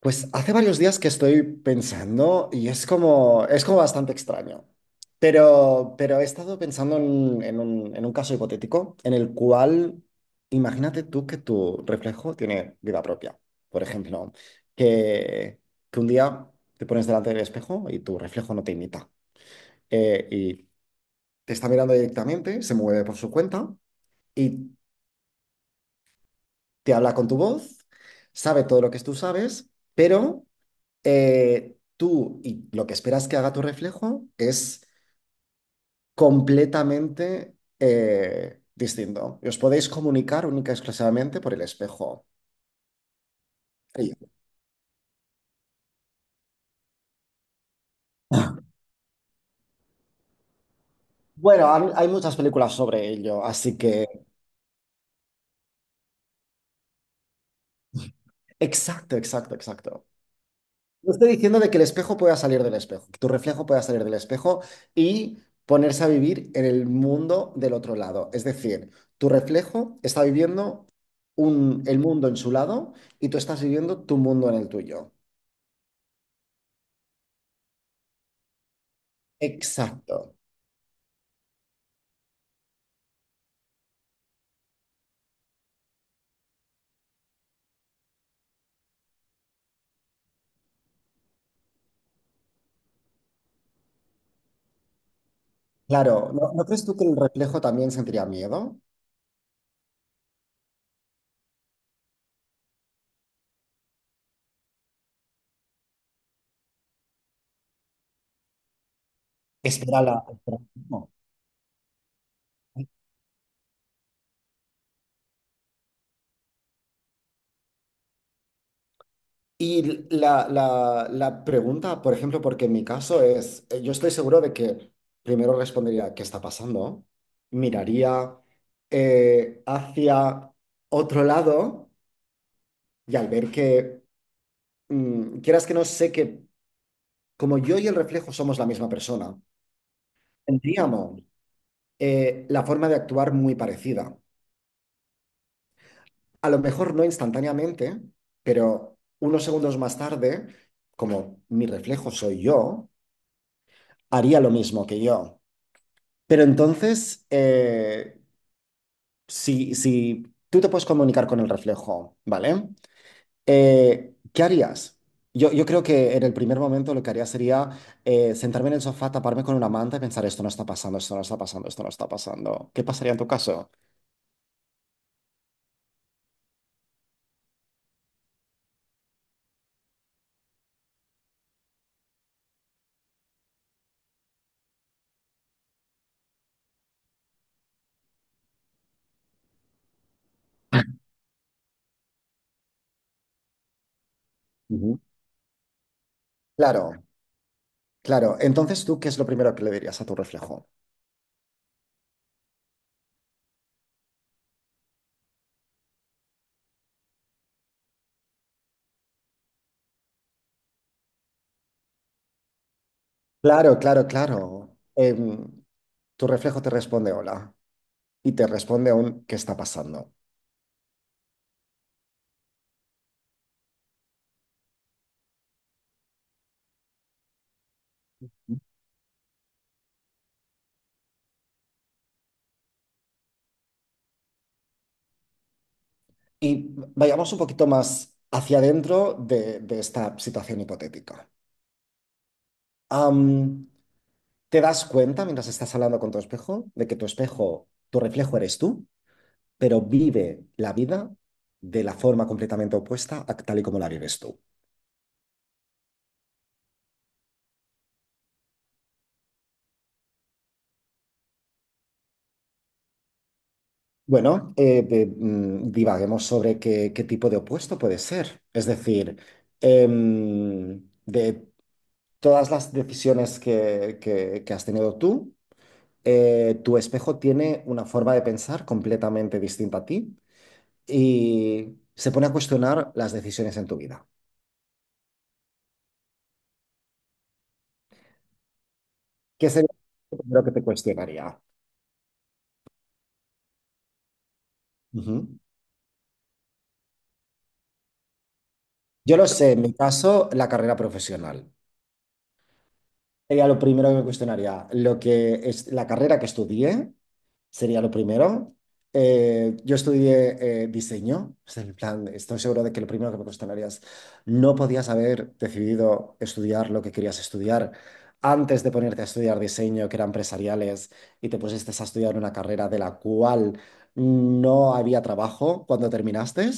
Pues hace varios días que estoy pensando y es como bastante extraño. Pero he estado pensando en un caso hipotético en el cual imagínate tú que tu reflejo tiene vida propia. Por ejemplo, que, que un día te pones delante del espejo y tu reflejo no te imita. Y te está mirando directamente, se mueve por su cuenta y te habla con tu voz, sabe todo lo que tú sabes, pero tú y lo que esperas que haga tu reflejo es completamente distinto. Y os podéis comunicar única y exclusivamente por el espejo. Y- Bueno, hay muchas películas sobre ello, así que... Exacto, exacto, exacto. No estoy diciendo de que el espejo pueda salir del espejo, que tu reflejo pueda salir del espejo y ponerse a vivir en el mundo del otro lado. Es decir, tu reflejo está viviendo el mundo en su lado y tú estás viviendo tu mundo en el tuyo. Exacto. Claro, ¿ no crees tú que el reflejo también sentiría miedo? Espera la... espera. Y la pregunta, por ejemplo, porque en mi caso es, yo estoy seguro de que primero respondería, ¿qué está pasando? Miraría hacia otro lado y al ver que, quieras que no sé que como yo y el reflejo somos la misma persona, tendríamos la forma de actuar muy parecida. A lo mejor no instantáneamente, pero unos segundos más tarde, como mi reflejo soy yo, haría lo mismo que yo. Pero entonces, si tú te puedes comunicar con el reflejo, ¿vale? ¿Qué harías? Yo creo que en el primer momento lo que haría sería sentarme en el sofá, taparme con una manta y pensar, esto no está pasando, esto no está pasando, esto no está pasando. ¿Qué pasaría en tu caso? Ujú. Claro, claro. Entonces, ¿tú qué es lo primero que le dirías a tu reflejo? Claro, claro, claro. Tu reflejo te responde hola y te responde un ¿qué está pasando? Y vayamos un poquito más hacia adentro de esta situación hipotética. Am, ¿Te das cuenta mientras estás hablando con tu espejo de que tu espejo, tu reflejo eres tú, pero vive la vida de la forma completamente opuesta a tal y como la vives tú? Bueno, divaguemos sobre qué tipo de opuesto puede ser. Es decir, de todas las decisiones que has tenido tú. Tu espejo tiene una forma de pensar completamente distinta a ti y se pone a cuestionar las decisiones en tu vida. ¿Qué sería lo primero que te cuestionaría? Ujú. Yo lo sé, en mi caso, la carrera profesional. Sería lo primero que me cuestionaría. Lo que es la carrera que estudié sería lo primero. Yo estudié diseño. O sea, en plan, estoy seguro de que lo primero que me cuestionaría es, no podías haber decidido estudiar lo que querías estudiar antes de ponerte a estudiar diseño, que era empresariales, y te pusiste a estudiar una carrera de la cual no había trabajo cuando terminaste.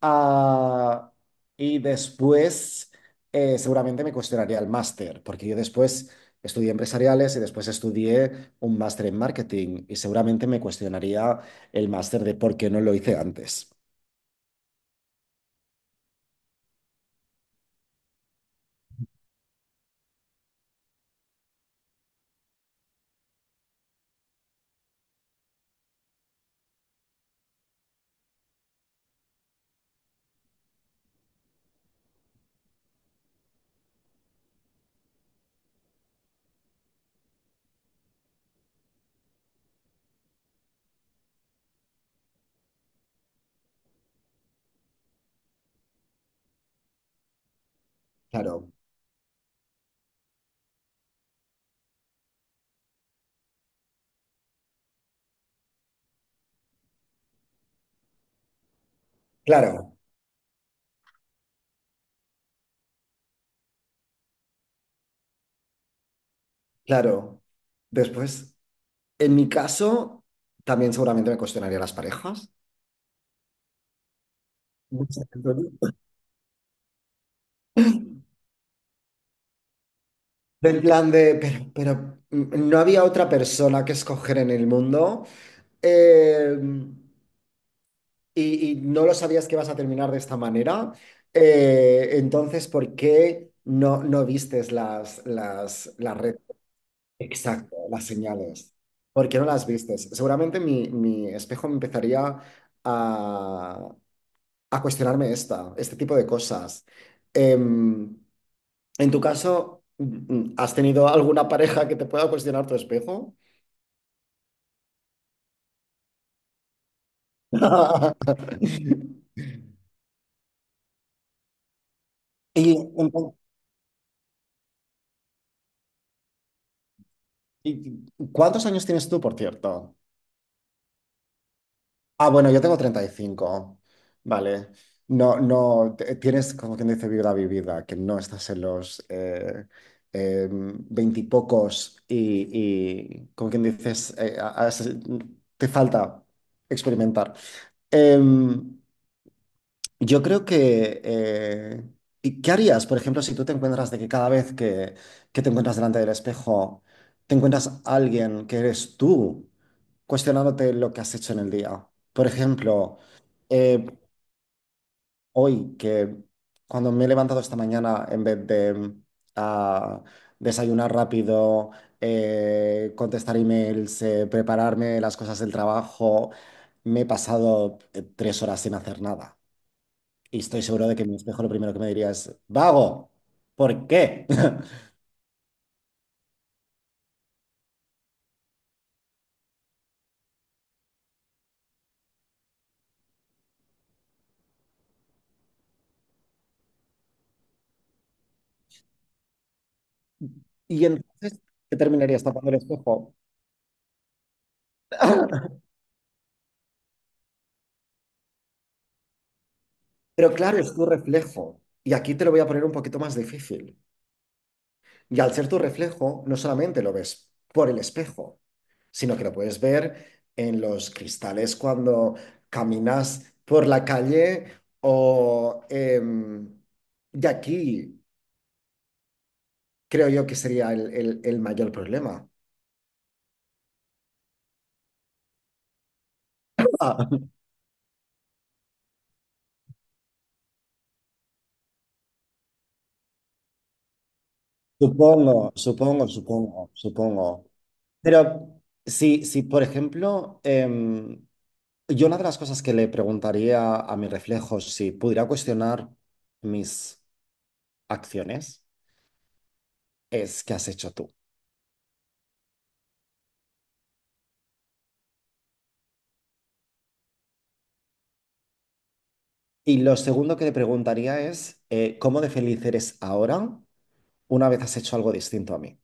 Ah, y después seguramente me cuestionaría el máster, porque yo después estudié empresariales y después estudié un máster en marketing y seguramente me cuestionaría el máster de por qué no lo hice antes. Claro, claro, claro. Después, en mi caso, también seguramente me cuestionaría las parejas. Exacto. Del plan de, pero no había otra persona que escoger en el mundo. Eh, y, y no lo sabías que ibas a terminar de esta manera, entonces, ¿por qué no vistes las red? Exacto, las señales. ¿Por qué no las vistes? Seguramente mi espejo me empezaría a, a cuestionarme esta, este tipo de cosas. Em, en tu caso, ¿has tenido alguna pareja que te pueda cuestionar tu espejo? ¿Y, entonces- cuántos años tienes tú, por cierto? Bueno, yo tengo 35. Vale. No, no, tienes, como quien dice, vida vivida, que no estás en los veintipocos y, como quien dices, te falta experimentar. Em, yo creo que... ¿y ¿Qué harías, por ejemplo, si tú te encuentras de que cada vez que te encuentras delante del espejo, te encuentras a alguien que eres tú, cuestionándote lo que has hecho en el día? Por ejemplo, eh, hoy que cuando me he levantado esta mañana, en vez de ah, desayunar rápido, contestar emails, prepararme las cosas del trabajo, me he pasado 3 horas sin hacer nada. Y estoy seguro de que mi espejo lo primero que me diría es, vago, ¿por qué? Y entonces te terminarías tapando el espejo. Pero claro, es tu reflejo. Y aquí te lo voy a poner un poquito más difícil. Y al ser tu reflejo, no solamente lo ves por el espejo, sino que lo puedes ver en los cristales cuando caminas por la calle o... y aquí creo yo que sería el, el mayor problema. Ah, supongo, supongo, supongo, supongo. Pero si por ejemplo, yo una de las cosas que le preguntaría a mi reflejo, si pudiera cuestionar mis acciones, es qué has hecho tú. Y lo segundo que le preguntaría es cómo de feliz eres ahora una vez has hecho algo distinto a mí.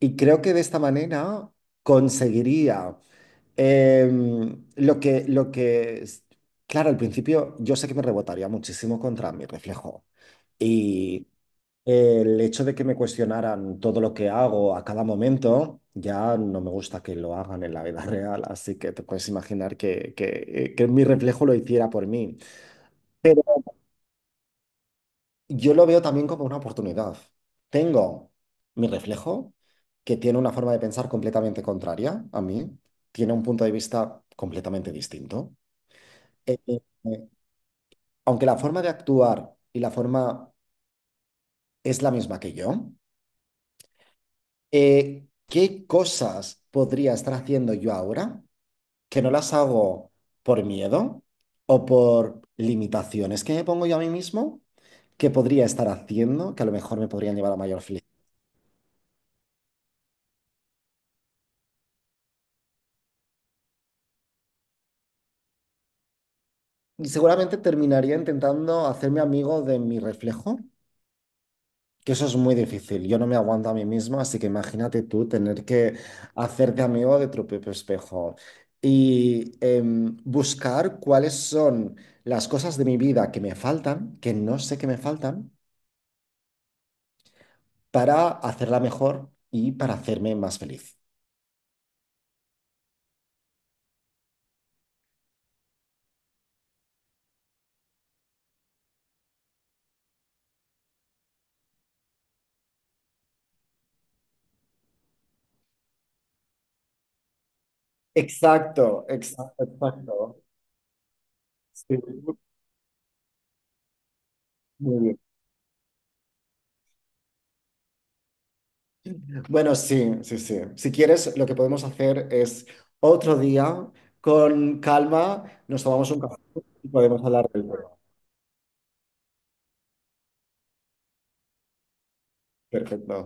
Y creo que de esta manera conseguiría lo que, claro, al principio yo sé que me rebotaría muchísimo contra mi reflejo. Y el hecho de que me cuestionaran todo lo que hago a cada momento, ya no me gusta que lo hagan en la vida real, así que te puedes imaginar que mi reflejo lo hiciera por mí. Pero yo lo veo también como una oportunidad. Tengo mi reflejo, que tiene una forma de pensar completamente contraria a mí, tiene un punto de vista completamente distinto. Eh, eh, eh, aunque la forma de actuar y la forma es la misma que yo, ¿qué cosas podría estar haciendo yo ahora que no las hago por miedo o por limitaciones que me pongo yo a mí mismo? ¿Qué podría estar haciendo, que a lo mejor me podrían llevar a mayor? Y seguramente terminaría intentando hacerme amigo de mi reflejo, que eso es muy difícil. Yo no me aguanto a mí mismo, así que imagínate tú tener que hacerte amigo de tu propio espejo y buscar cuáles son las cosas de mi vida que me faltan, que no sé que me faltan, para hacerla mejor y para hacerme más feliz. Exacto, exacto, exacto. Sí, muy bien. Bueno, sí, sí, sí. Si quieres, lo que podemos hacer es otro día, con calma, nos tomamos un café y podemos hablar del tema. Perfecto.